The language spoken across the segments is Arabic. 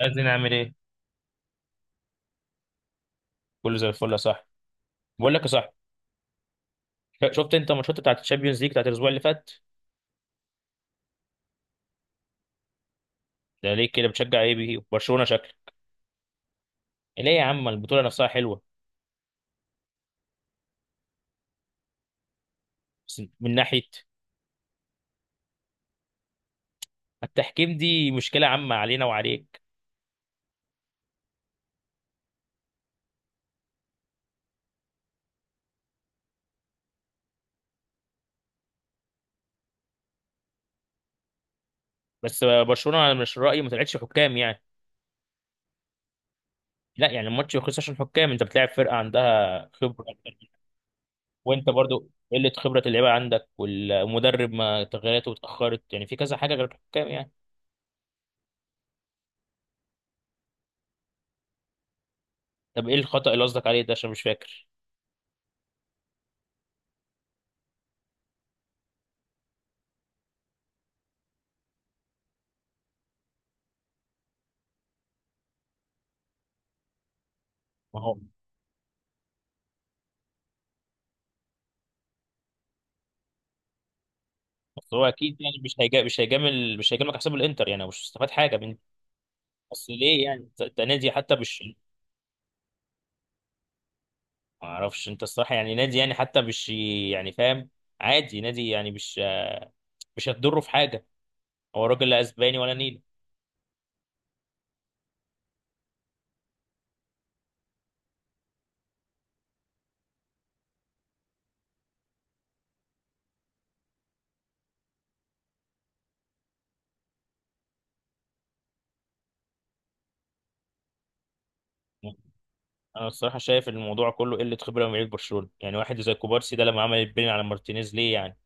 عايزين نعمل ايه؟ كله زي الفل يا صاحبي. بقول لك يا صاحبي، شفت انت ماتشات بتاعت الشامبيونز ليج بتاعت الاسبوع اللي فات؟ ده ليه كده؟ بتشجع ايه بيه؟ برشلونه شكلك. ليه يا عم؟ البطوله نفسها حلوه، بس من ناحيه. التحكيم دي مشكله عامه علينا وعليك. بس برشلونه انا مش رايي ما طلعتش حكام يعني. لا يعني الماتش يخلص عشان حكام، انت بتلاعب فرقه عندها خبره أكتر. وانت برضو قله خبره اللعيبه عندك، والمدرب ما تغيراته اتاخرت، يعني في كذا حاجه غير الحكام يعني. طب ايه الخطا اللي قصدك عليه ده؟ عشان مش فاكر. بس هو اكيد يعني مش هيجاملك حساب الانتر، يعني مش هستفاد حاجه من اصل. ليه يعني؟ انت نادي حتى مش. ما اعرفش انت الصراحه، يعني نادي يعني حتى مش يعني فاهم. عادي نادي يعني مش هتضره في حاجه. هو راجل لا اسباني ولا نيل. انا الصراحه شايف إن الموضوع كله قله خبره من لعيبه برشلونه. يعني واحد زي كوبارسي ده لما عمل البين على مارتينيز، ليه يعني؟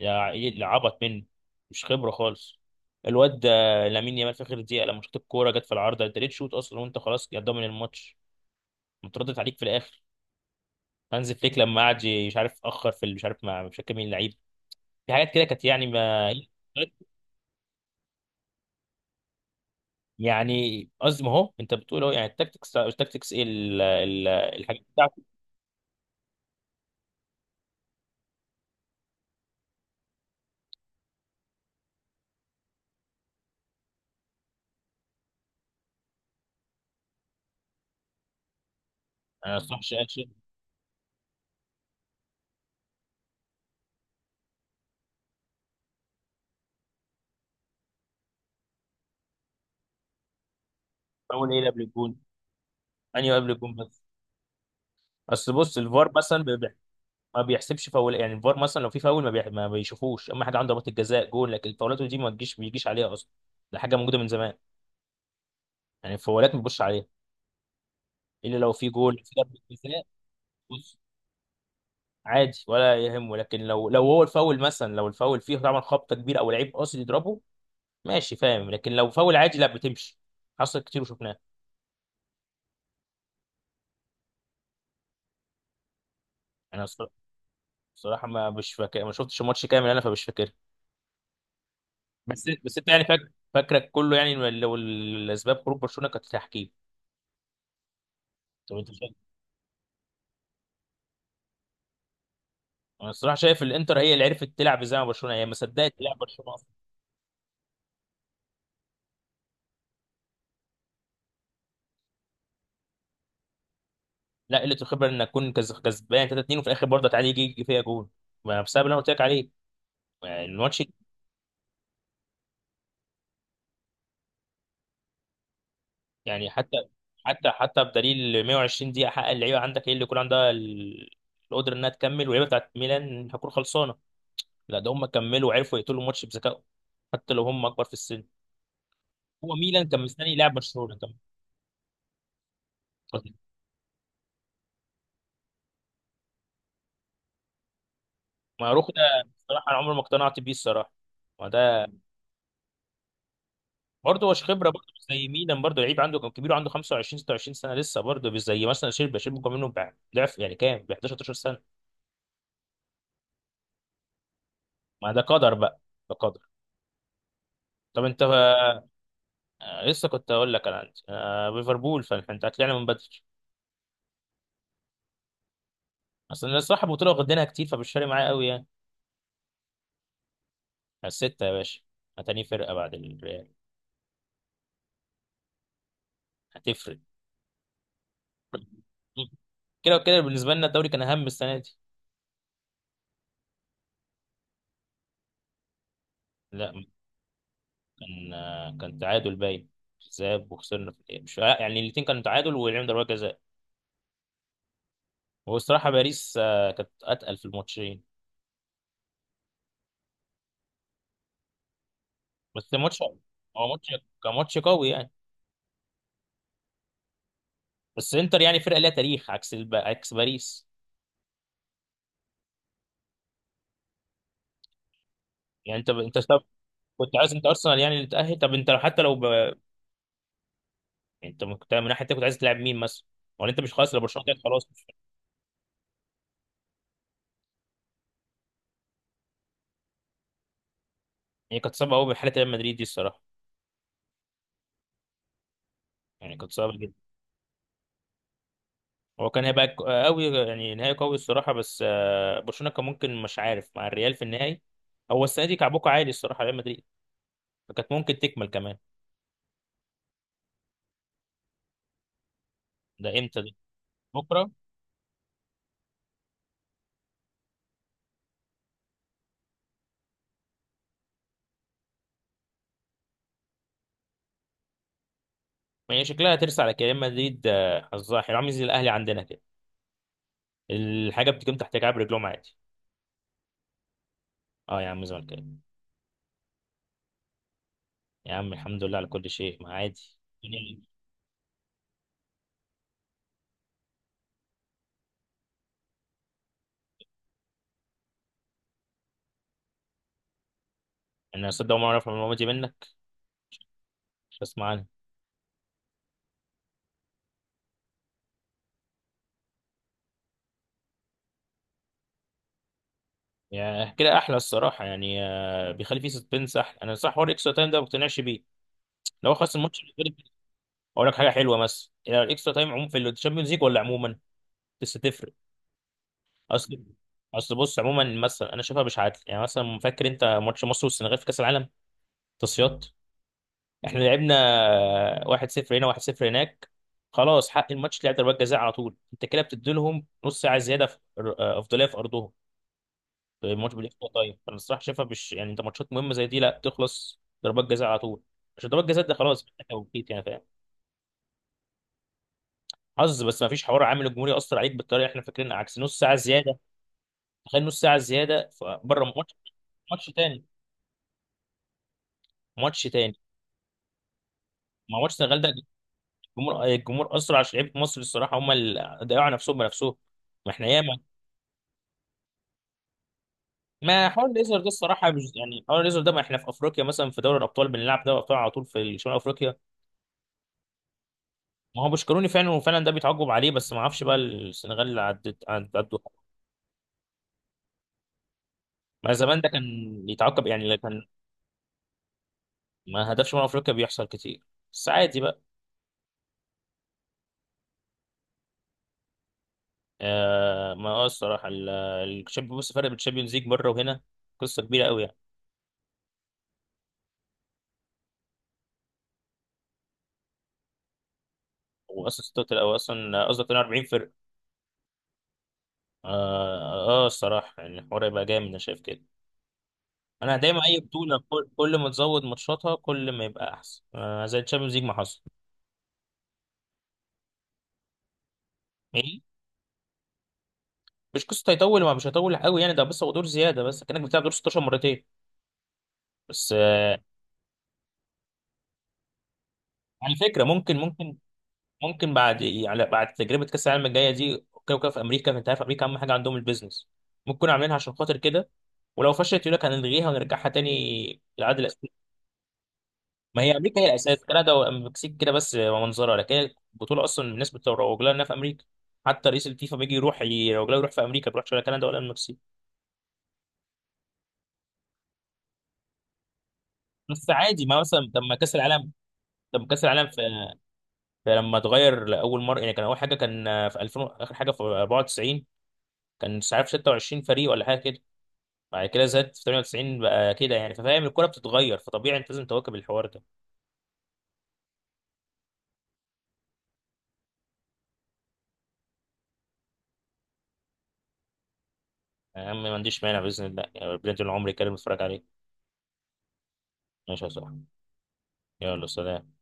يا إيه، عبط منه؟ مش خبره خالص الواد ده. لامين يامال في اخر دقيقه لما شاط الكوره جت في العارضه، انت ليه تشوط اصلا وانت خلاص يا ضامن الماتش متردد عليك في الاخر؟ هانز فليك لما قعد، مش عارف اخر في مش عارف مع مش فاكر مين اللعيب. في حاجات كده كانت يعني ما. يعني قصدي ما هو انت بتقول اهو، يعني التكتكس التكتكس ايه الحاجات بتاعته. انا صح شاشه. فاول ايه قبل الجون؟ انهي قبل الجون بس؟ اصل بص الفار مثلا ما بيحسبش فاول. يعني الفار مثلا لو في فاول ما، ما بيشوفوش، اما حاجه عنده ضربات الجزاء جول، لكن الفاولات دي ما تجيش، ما بيجيش عليها اصلا. ده حاجه موجوده من زمان. يعني الفاولات ما بيبصش عليها الا لو في جول في ضربه جزاء. بص عادي ولا يهمه، لكن لو هو الفاول مثلا، لو الفاول فيه طبعا خبطه كبيره او لعيب قاصد يضربه، ماشي فاهم. لكن لو فاول عادي لا بتمشي. حصل كتير وشفناه. انا الصراحه ما مش فاكر، ما شفتش الماتش كامل انا فمش فاكر. بس انت يعني فاكر، فاكرك كله يعني لو الاسباب خروج برشلونه كانت تحكيم. طب انت شايف؟ انا الصراحه شايف الانتر هي اللي عرفت تلعب، زي ما برشلونه هي ما صدقت تلعب برشلونه اصلا. لا قله الخبره انك تكون كسبان 3-2 وفي الاخر برضه تعادل، يجي فيها جون. ما بسبب اللي انا قلت لك عليه يعني الماتش. يعني حتى بدليل 120 دقيقة حق اللعيبة عندك هي اللي يكون عندها القدرة إنها تكمل، واللعيبة بتاعت ميلان هتكون خلصانة. لا ده هم كملوا وعرفوا يقتلوا الماتش بذكائهم، حتى لو هم أكبر في السن. هو ميلان كان مستني لاعب برشلونة كمان، معروف ده. الصراحة أنا عمري ما اقتنعت بيه الصراحة. ما ده برضه هو خبرة، برضه مش زي ميلان. برضه لعيب عنده كان كبير، عنده 25 26 سنة لسه، برضه مش زي مثلا شيربي. شيربي كان منه ضعف يعني، كام ب 11 12 سنة. ما ده قدر بقى، ده قدر. طب انت؟ لسه كنت اقول لك انا عندي، ليفربول، فاحنا طلعنا من بدري. اصل أنا الصراحه البطوله واخدينها كتير فمش فارق معايا قوي يعني. على السته يا باشا، هتاني فرقه بعد الريال. هتفرق كده وكده، بالنسبه لنا الدوري كان اهم السنه دي. لا كان، كان تعادل باين ذهاب وخسرنا في الإيه. مش يعني الاثنين كانوا تعادل ولعبنا ضربات جزاء. هو الصراحه باريس كانت اتقل في الماتشين. بس الماتش، هو ماتش، كان ماتش قوي يعني. بس انتر يعني فرقه ليها تاريخ، عكس عكس باريس. يعني انت كنت عايز انت ارسنال يعني اللي تاهل؟ طب انت حتى لو ب. يعني انت كنت من ناحيه تانية، كنت عايز تلعب مين مثلا؟ ولا انت مش خلاص لو برشلونه كانت خلاص مش. يعني كانت صعبه قوي بحاله ريال مدريد دي الصراحه. يعني كانت صعبه جدا. هو كان هيبقى قوي يعني، نهائي قوي الصراحه، بس برشلونه كان ممكن، مش عارف، مع الريال في النهائي. هو السنه دي كعبوكه عالي الصراحه ريال مدريد، فكانت ممكن تكمل كمان. ده امتى ده؟ بكره. يعني شكلها هترسى على كده ريال مدريد. حظها حلو عامل زي الاهلي عندنا كده، الحاجه بتكون تحت كعب رجلهم عادي. اه يا عم زملكاوي. يا عم الحمد لله على كل شيء، ما عادي. يعني انا صدق ما اعرف المعلومه دي منك، مش هسمع عنها. يعني كده احلى الصراحه يعني، بيخلي فيه سسبنس احلى. انا صح حوار الاكسترا تايم ده ما بقتنعش بيه، لو خلاص الماتش بالنسبة لي، اقول لك حاجه حلوه. مثلا يعني الاكسترا تايم عموما في الشامبيونز ليج ولا عموما لسه تفرق؟ اصل اصل بص عموما، مثلا انا شايفها مش عادل. يعني مثلا فاكر انت ماتش مصر والسنغال في كاس العالم تصفيات؟ احنا لعبنا 1-0 هنا 1-0 هناك، خلاص حق الماتش لعب ضربات جزاء على طول. انت كده بتدي لهم نص ساعه زياده في افضليه في ارضهم. الماتش بالاكسترا تايم انا الصراحه شايفها مش يعني، انت ماتشات مهمه زي دي لا تخلص ضربات جزاء على طول. عشان ضربات جزاء ده خلاص بتاع توقيت يعني فاهم. حظ، بس ما فيش حوار عامل. الجمهور ياثر عليك بالطريقه اللي احنا فاكرينها، عكس نص ساعه زياده. تخيل نص ساعه زياده بره ماتش. ماتش تاني ماتش تاني. ما ماتش السنغال ده، الجمهور اثر عشان لعيبه مصر الصراحه هم اللي ضيعوا على نفسهم بنفسهم. ما احنا ياما. ما حوار الليزر ده الصراحه مش يعني، حوار الليزر ده، ما احنا في افريقيا مثلا، في دوري الابطال بنلعب دوري الابطال على طول في شمال افريقيا. ما هو بوشكروني فعلا، وفعلا ده بيتعاقب عليه، بس ما اعرفش بقى السنغال اللي عدت عدوا. ما زمان ده كان يتعاقب، يعني اللي كان ما هدفش. من افريقيا بيحصل كتير بس عادي بقى. آه ما هو الصراحه الشامبيون، بص فرق بين الشامبيونز ليج بره وهنا، قصه كبيره قوي يعني. هو اصلا 46 او اصلا قصدي 42 فرق. اه اه الصراحه يعني الحوار يبقى جامد، انا شايف كده. انا دايما اي بطوله كل ما تزود ماتشاتها كل ما يبقى احسن، آه زي الشامبيونز ليج ما حصل. إيه؟ مش قصه هيطول، ما مش هيطول قوي يعني. ده بس هو دور زياده، بس كانك بتلعب دور 16 مرتين بس. على فكره ممكن، بعد يعني بعد تجربه كاس العالم الجايه دي كده وكده في امريكا، انت عارف امريكا اهم حاجه عندهم البيزنس، ممكن يكونوا عاملينها عشان خاطر كده. ولو فشلت يقول لك هنلغيها ونرجعها تاني للعادة الأساسية. ما هي أمريكا هي الأساس، كندا والمكسيك كده بس منظرة، لكن البطولة أصلا الناس بتروج لها إنها في أمريكا. حتى رئيس الفيفا بيجي يروح يروج لها، يروح في أمريكا، ما بيروحش ولا كندا ولا المكسيك. بس عادي، ما مثلا لما كأس العالم لما كأس العالم في فلما اتغير لاول مره يعني كان اول حاجه، كان في 2000 اخر حاجه في 94، كان مش عارف 26 فريق ولا حاجه كده. بعد كده زاد في 98 بقى كده يعني، ففاهم الكوره بتتغير، فطبيعي انت لازم تواكب الحوار ده. يا عم ما عنديش مانع باذن الله يعني، ربنا يطول عمري كده بتفرج عليه. ماشي يا صاحبي. يلا، سلام.